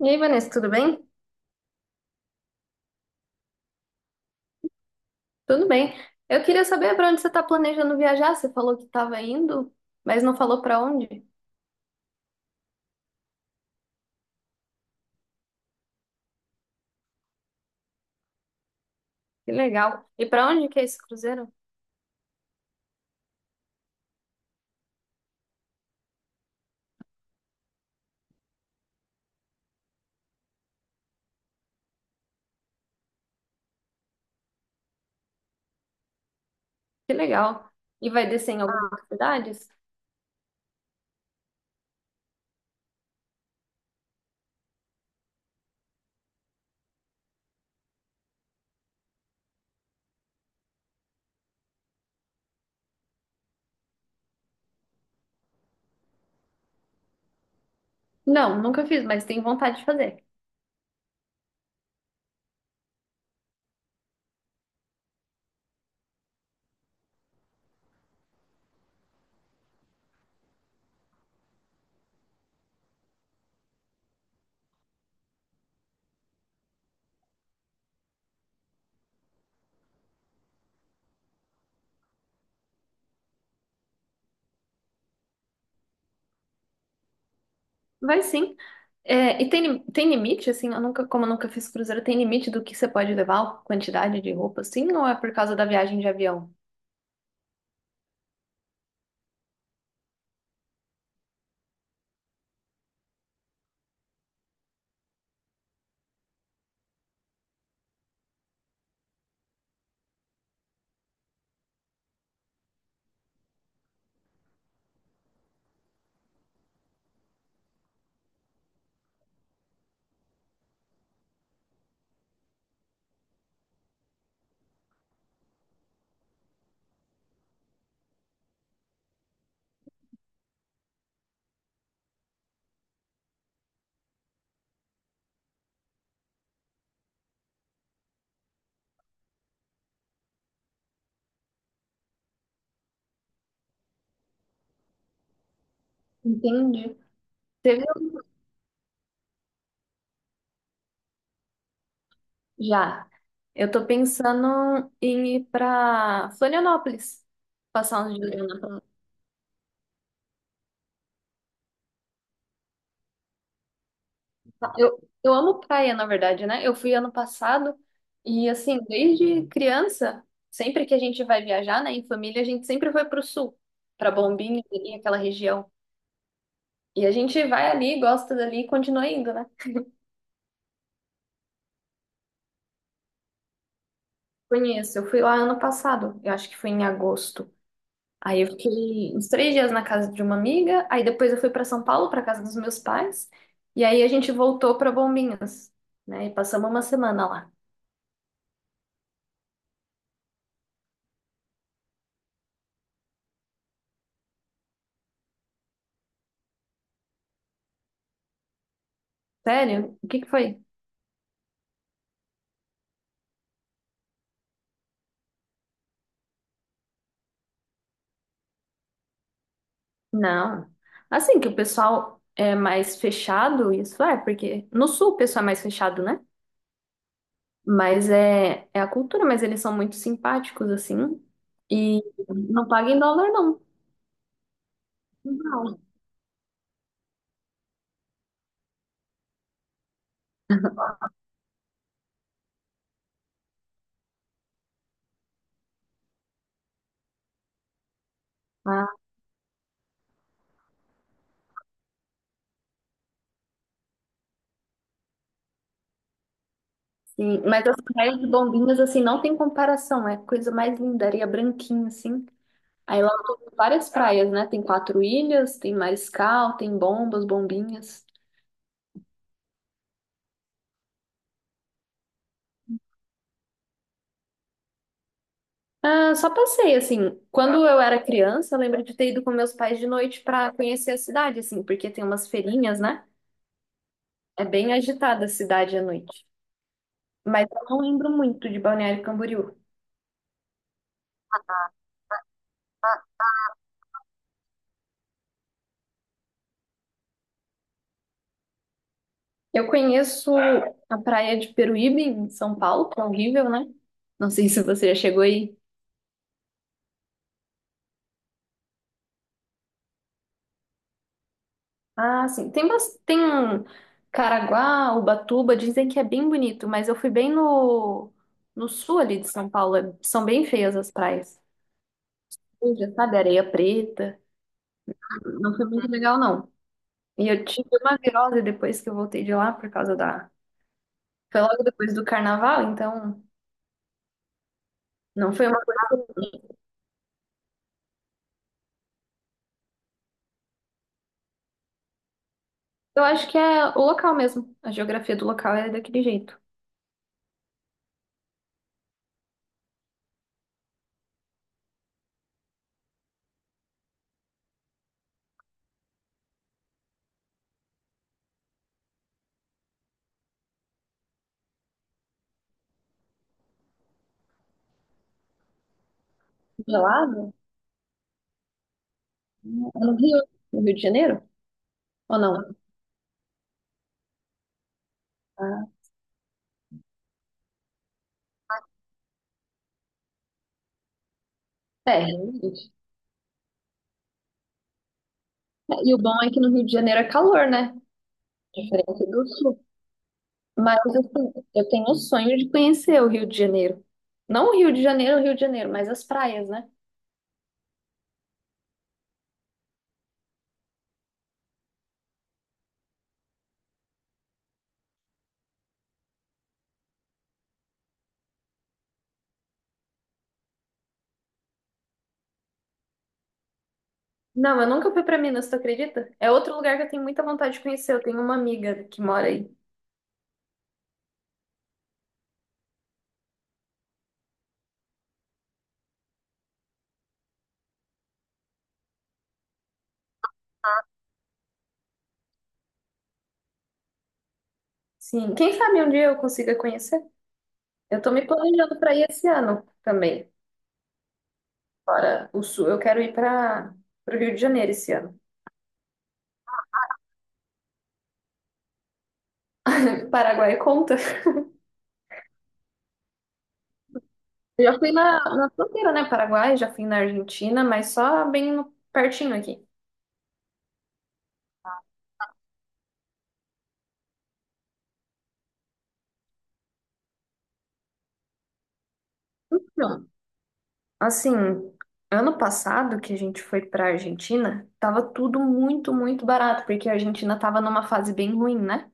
E aí, Vanessa, tudo bem? Tudo bem. Eu queria saber para onde você está planejando viajar. Você falou que estava indo, mas não falou para onde. Que legal. E para onde que é esse cruzeiro? Que legal. E vai descer em algumas cidades? Não, nunca fiz, mas tenho vontade de fazer. Vai sim. É, e tem, tem limite, assim, eu nunca, como eu nunca fiz cruzeiro, tem limite do que você pode levar, quantidade de roupa, assim, ou é por causa da viagem de avião? Entendi. Teve já. Eu tô pensando em ir pra Florianópolis, passar uns dias lá na praia. Eu amo praia, na verdade, né? Eu fui ano passado e, assim, desde criança, sempre que a gente vai viajar, né, em família, a gente sempre foi pro sul, pra Bombinhas ali, aquela região. E a gente vai ali, gosta dali e continua indo, né? Conheço. Eu fui lá ano passado, eu acho que foi em agosto. Aí eu fiquei uns três dias na casa de uma amiga, aí depois eu fui para São Paulo, para casa dos meus pais, e aí a gente voltou para Bombinhas, né? E passamos uma semana lá. Sério? O que que foi? Não. Assim que o pessoal é mais fechado, isso é, porque no sul o pessoal é mais fechado, né? Mas é a cultura, mas eles são muito simpáticos, assim, e não pagam em dólar, não. Não. Ah, sim. Mas as praias de Bombinhas, assim, não tem comparação, é a coisa mais linda, areia branquinha, assim. Aí lá tem várias praias, né? Tem Quatro Ilhas, tem Mariscal, tem Bombas, Bombinhas. Ah, só passei, assim, quando eu era criança, eu lembro de ter ido com meus pais de noite pra conhecer a cidade, assim, porque tem umas feirinhas, né? É bem agitada a cidade à noite. Mas eu não lembro muito de Balneário Camboriú. Eu conheço a praia de Peruíbe, em São Paulo, que é horrível, né? Não sei se você já chegou aí. Ah, sim. Tem, tem um Caraguá, Ubatuba, dizem que é bem bonito, mas eu fui bem no sul ali de São Paulo. É- São bem feias as praias. Suja, sabe, areia preta. Não foi muito legal, não. E eu tive uma virose depois que eu voltei de lá por causa da. Foi logo depois do carnaval, então não foi uma. Eu acho que é o local mesmo. A geografia do local é daquele jeito. Gelado? É. No Rio, no Rio de Janeiro? Ou não? Ah, é. E o bom é que no Rio de Janeiro é calor, né? Diferente do Sul. Mas assim, eu tenho o sonho de conhecer o Rio de Janeiro. Não o Rio de Janeiro, o Rio de Janeiro, mas as praias, né? Não, eu nunca fui pra Minas, tu acredita? É outro lugar que eu tenho muita vontade de conhecer. Eu tenho uma amiga que mora aí. Sim, quem sabe um dia eu consiga conhecer? Eu tô me planejando pra ir esse ano também, fora o Sul. Eu quero ir para o Rio de Janeiro esse ano. Paraguai conta. Eu já fui na fronteira, né? Paraguai, já fui na Argentina, mas só bem pertinho aqui. Assim, ano passado que a gente foi para a Argentina, tava tudo muito, muito barato, porque a Argentina tava numa fase bem ruim, né?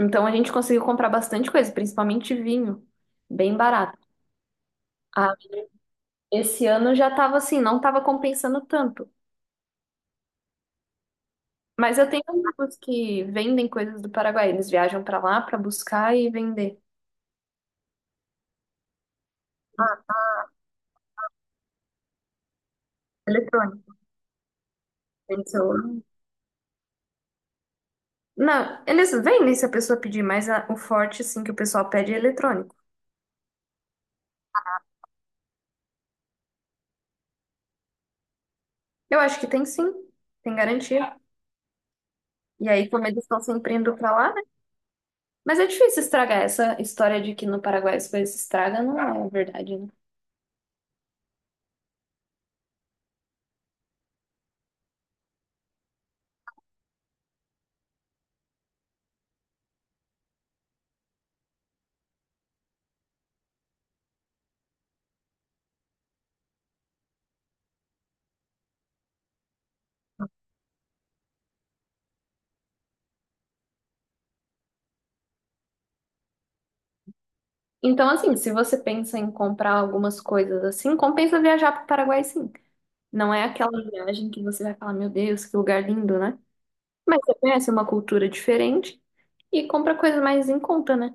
Então a gente conseguiu comprar bastante coisa, principalmente vinho, bem barato. Ah, esse ano já tava assim, não tava compensando tanto. Mas eu tenho amigos que vendem coisas do Paraguai, eles viajam para lá para buscar e vender. Eletrônico. Vende celular. Não, eles vendem se a pessoa pedir, mas a- o forte, assim, que o pessoal pede é eletrônico. Eu acho que tem sim, tem garantia. E aí, como eles estão sempre indo pra lá, né? Mas é difícil estragar, essa história de que no Paraguai as coisas se estragam, não é verdade, né? Então, assim, se você pensa em comprar algumas coisas assim, compensa viajar pro Paraguai, sim. Não é aquela viagem que você vai falar, meu Deus, que lugar lindo, né? Mas você conhece uma cultura diferente e compra coisa mais em conta, né?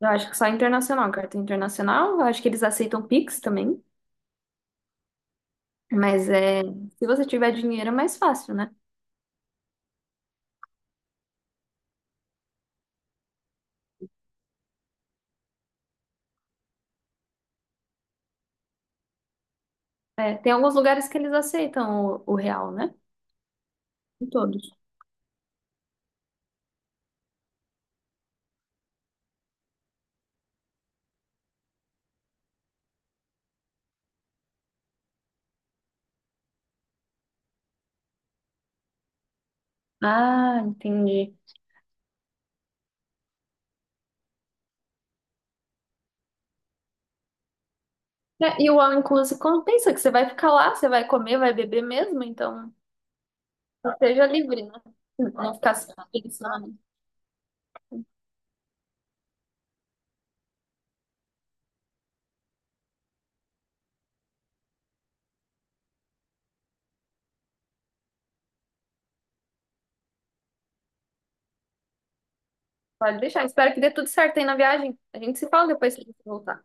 Eu acho que só internacional, cartão internacional, eu acho que eles aceitam Pix também. Mas é, se você tiver dinheiro é mais fácil, né? É, tem alguns lugares que eles aceitam o real, né? Em todos. Ah, entendi. É, e o all inclusive compensa que você vai ficar lá, você vai comer, vai beber mesmo, então seja livre, né? Não ficar só pensando. Pode deixar. Espero que dê tudo certo aí na viagem. A gente se fala depois que você voltar.